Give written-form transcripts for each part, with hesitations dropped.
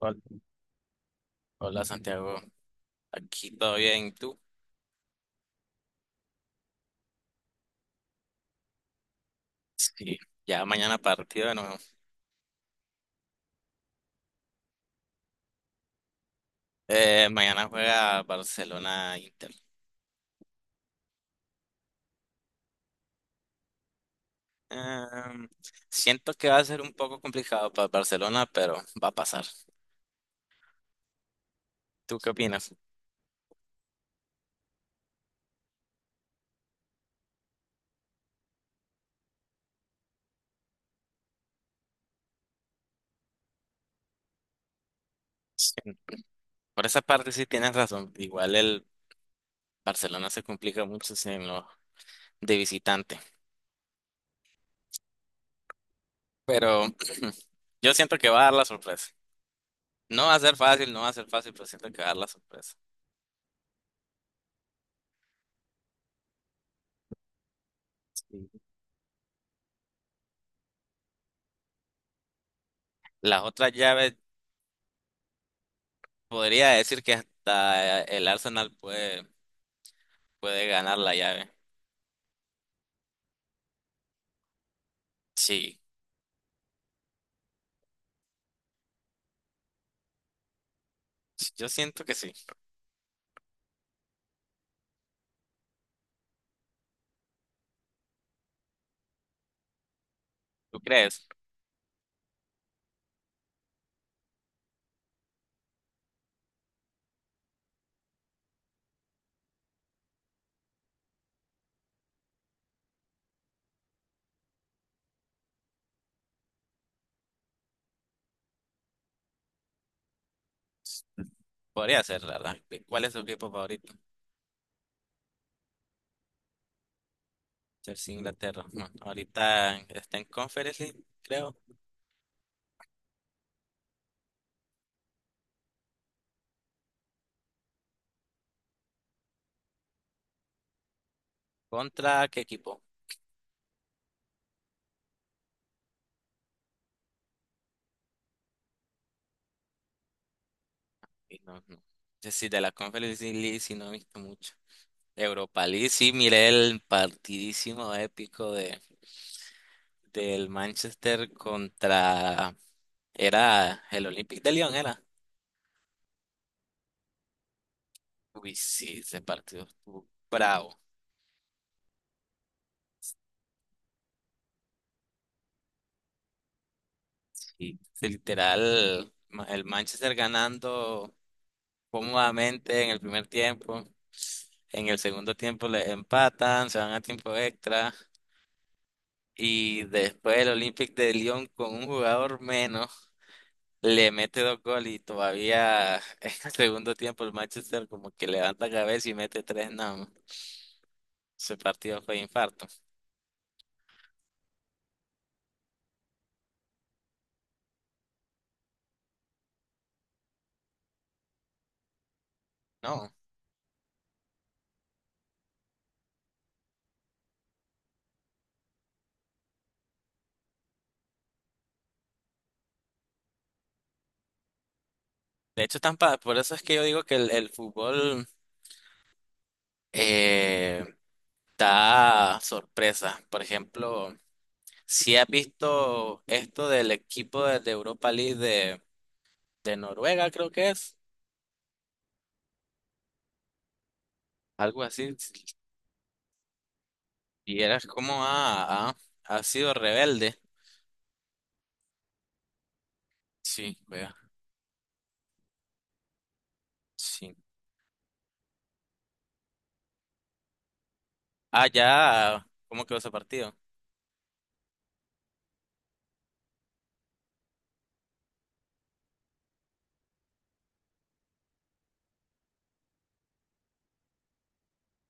Hol- Hola Santiago, aquí todo bien, ¿tú? Sí, ya mañana partido de nuevo. Mañana juega Barcelona-Inter. Em, Siento que va a ser un poco complicado para Barcelona, pero va a pasar. ¿Tú qué opinas? Sí, por esa parte sí tienes razón. Igual el Barcelona se complica mucho en lo de visitante, pero yo siento que va a dar la sorpresa. No va a ser fácil, no va a ser fácil, pero siento que va a dar la sorpresa. Las otras llaves, podría decir que hasta el Arsenal puede, puede ganar la llave. Sí, yo siento que sí. ¿Tú crees? Podría ser, la verdad. ¿Cuál es tu equipo favorito? Chelsea, Inglaterra. No, ahorita está en Conference League, creo. ¿Contra qué equipo? Y no, no. Sí, de la Conference League sí no he visto mucho. Europa League, sí, miré el partidísimo épico de del Manchester contra era el Olympique de Lyon, era. Uy, sí, ese partido estuvo bravo. Sí, sí, literal, el Manchester ganando cómodamente en el primer tiempo. En el segundo tiempo le empatan, se van a tiempo extra. Y después el Olympique de Lyon con un jugador menos. Le mete dos goles y todavía en el segundo tiempo el Manchester como que levanta cabeza y mete tres. No, ese partido fue infarto. No. De hecho, por eso es que yo digo que el fútbol eh, da sorpresa. Por ejemplo, si has visto esto del equipo de Europa League de Noruega, creo que es, algo así, y eras como ha sido rebelde. Sí, vea, sí. Ah, ya, ¿cómo quedó ese partido?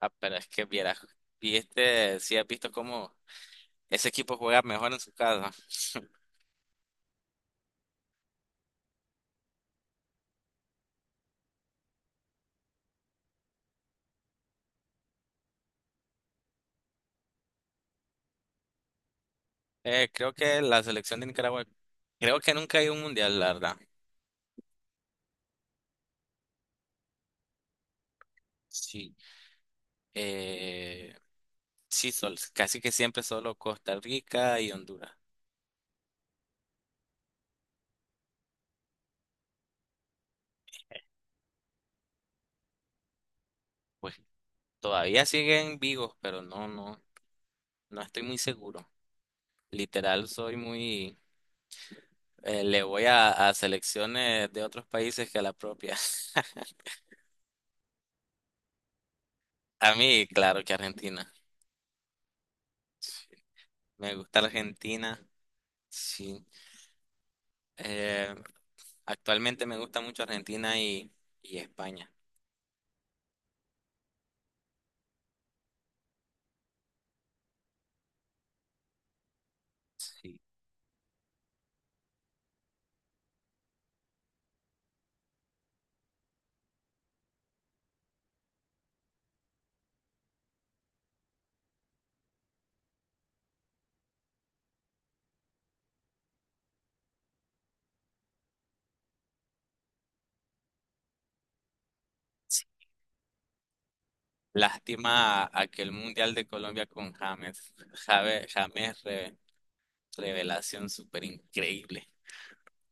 Ah, pero es que vieras, viste, si has visto cómo ese equipo juega mejor en su casa. Creo que la selección de Nicaragua, creo que nunca hay un mundial, la verdad. Sí. Eh, sí, casi que siempre solo Costa Rica y Honduras. Pues todavía siguen vivos, pero no, no, no estoy muy seguro. Literal, soy muy, le voy a selecciones de otros países que a la propia. A mí, claro que Argentina. Sí, me gusta Argentina. Sí. Eh, Actualmente me gusta mucho Argentina y España. Sí. Lástima aquel Mundial de Colombia con James. James, revelación súper increíble.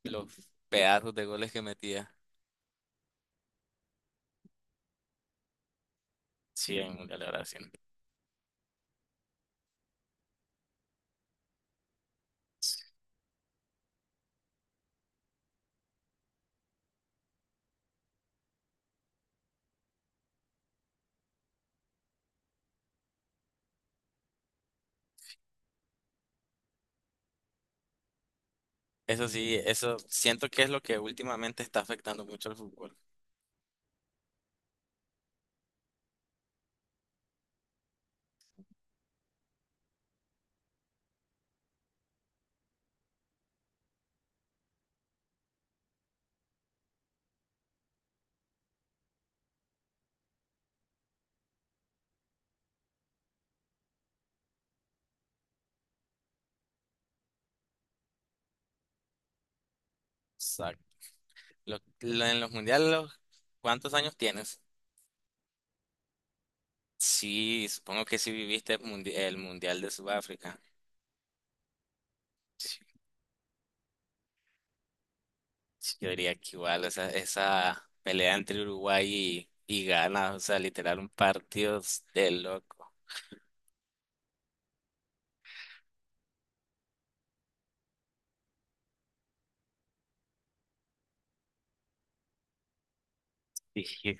Los pedazos de goles que metía. Sí, en el Mundial de Brasil. Eso sí, eso siento que es lo que últimamente está afectando mucho al fútbol. Exacto. En los mundiales, ¿cuántos años tienes? Sí, supongo que sí viviste el Mundial de Sudáfrica. Sí, yo diría que igual, o sea, esa pelea entre Uruguay y Ghana, o sea, literal un partido de loco. Sí,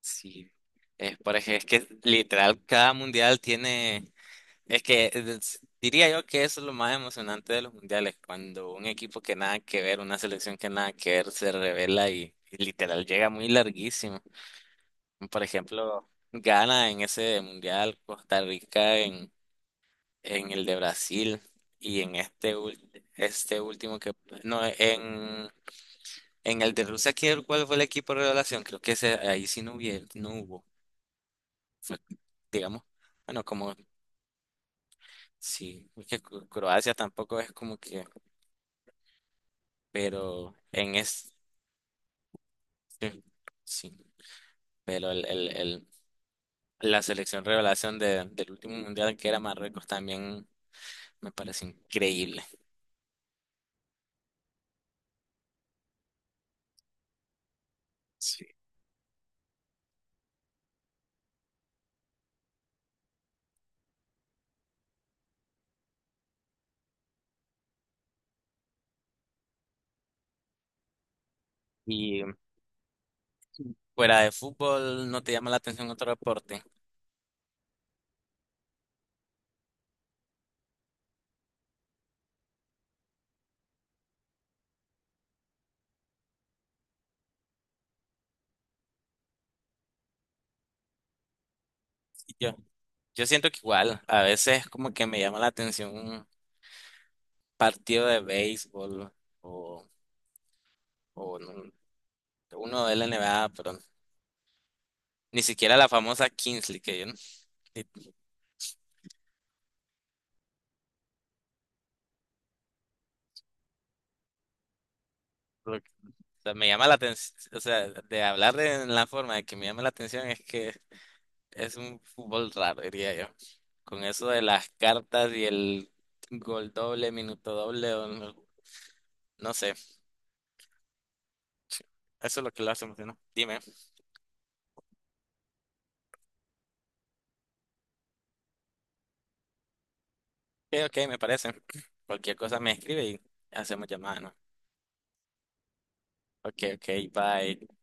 sí. Es, es que literal cada mundial tiene, diría yo que eso es lo más emocionante de los mundiales, cuando un equipo que nada que ver, una selección que nada que ver se revela y literal llega muy larguísimo. Por ejemplo, Ghana en ese mundial, Costa Rica en el de Brasil y en este, este último que... No, en el de Rusia, ¿quién ¿cuál fue el equipo de revelación? Creo que ese, ahí sí no hubiera, no hubo, digamos. Bueno, como sí, porque Croacia tampoco es como que... Pero en este... Sí, pero la selección revelación del último mundial que era Marruecos también me parece increíble. Sí. Y fuera de fútbol, ¿no te llama la atención otro deporte? Yo siento que igual, a veces como que me llama la atención un partido de béisbol o, o no- uno de la NBA, pero ni siquiera la famosa Kingsley, que yo no- ni- lo o sea, me llama la atención, o sea, de hablar de la forma de que me llama la atención es que es un fútbol raro, diría yo. Con eso de las cartas y el gol doble, minuto doble, o no, no sé, eso es lo que lo hace emocionante. Dime, ok, ok, me parece. Cualquier cosa me escribe y hacemos llamada, ¿no? Ok, ok, bye.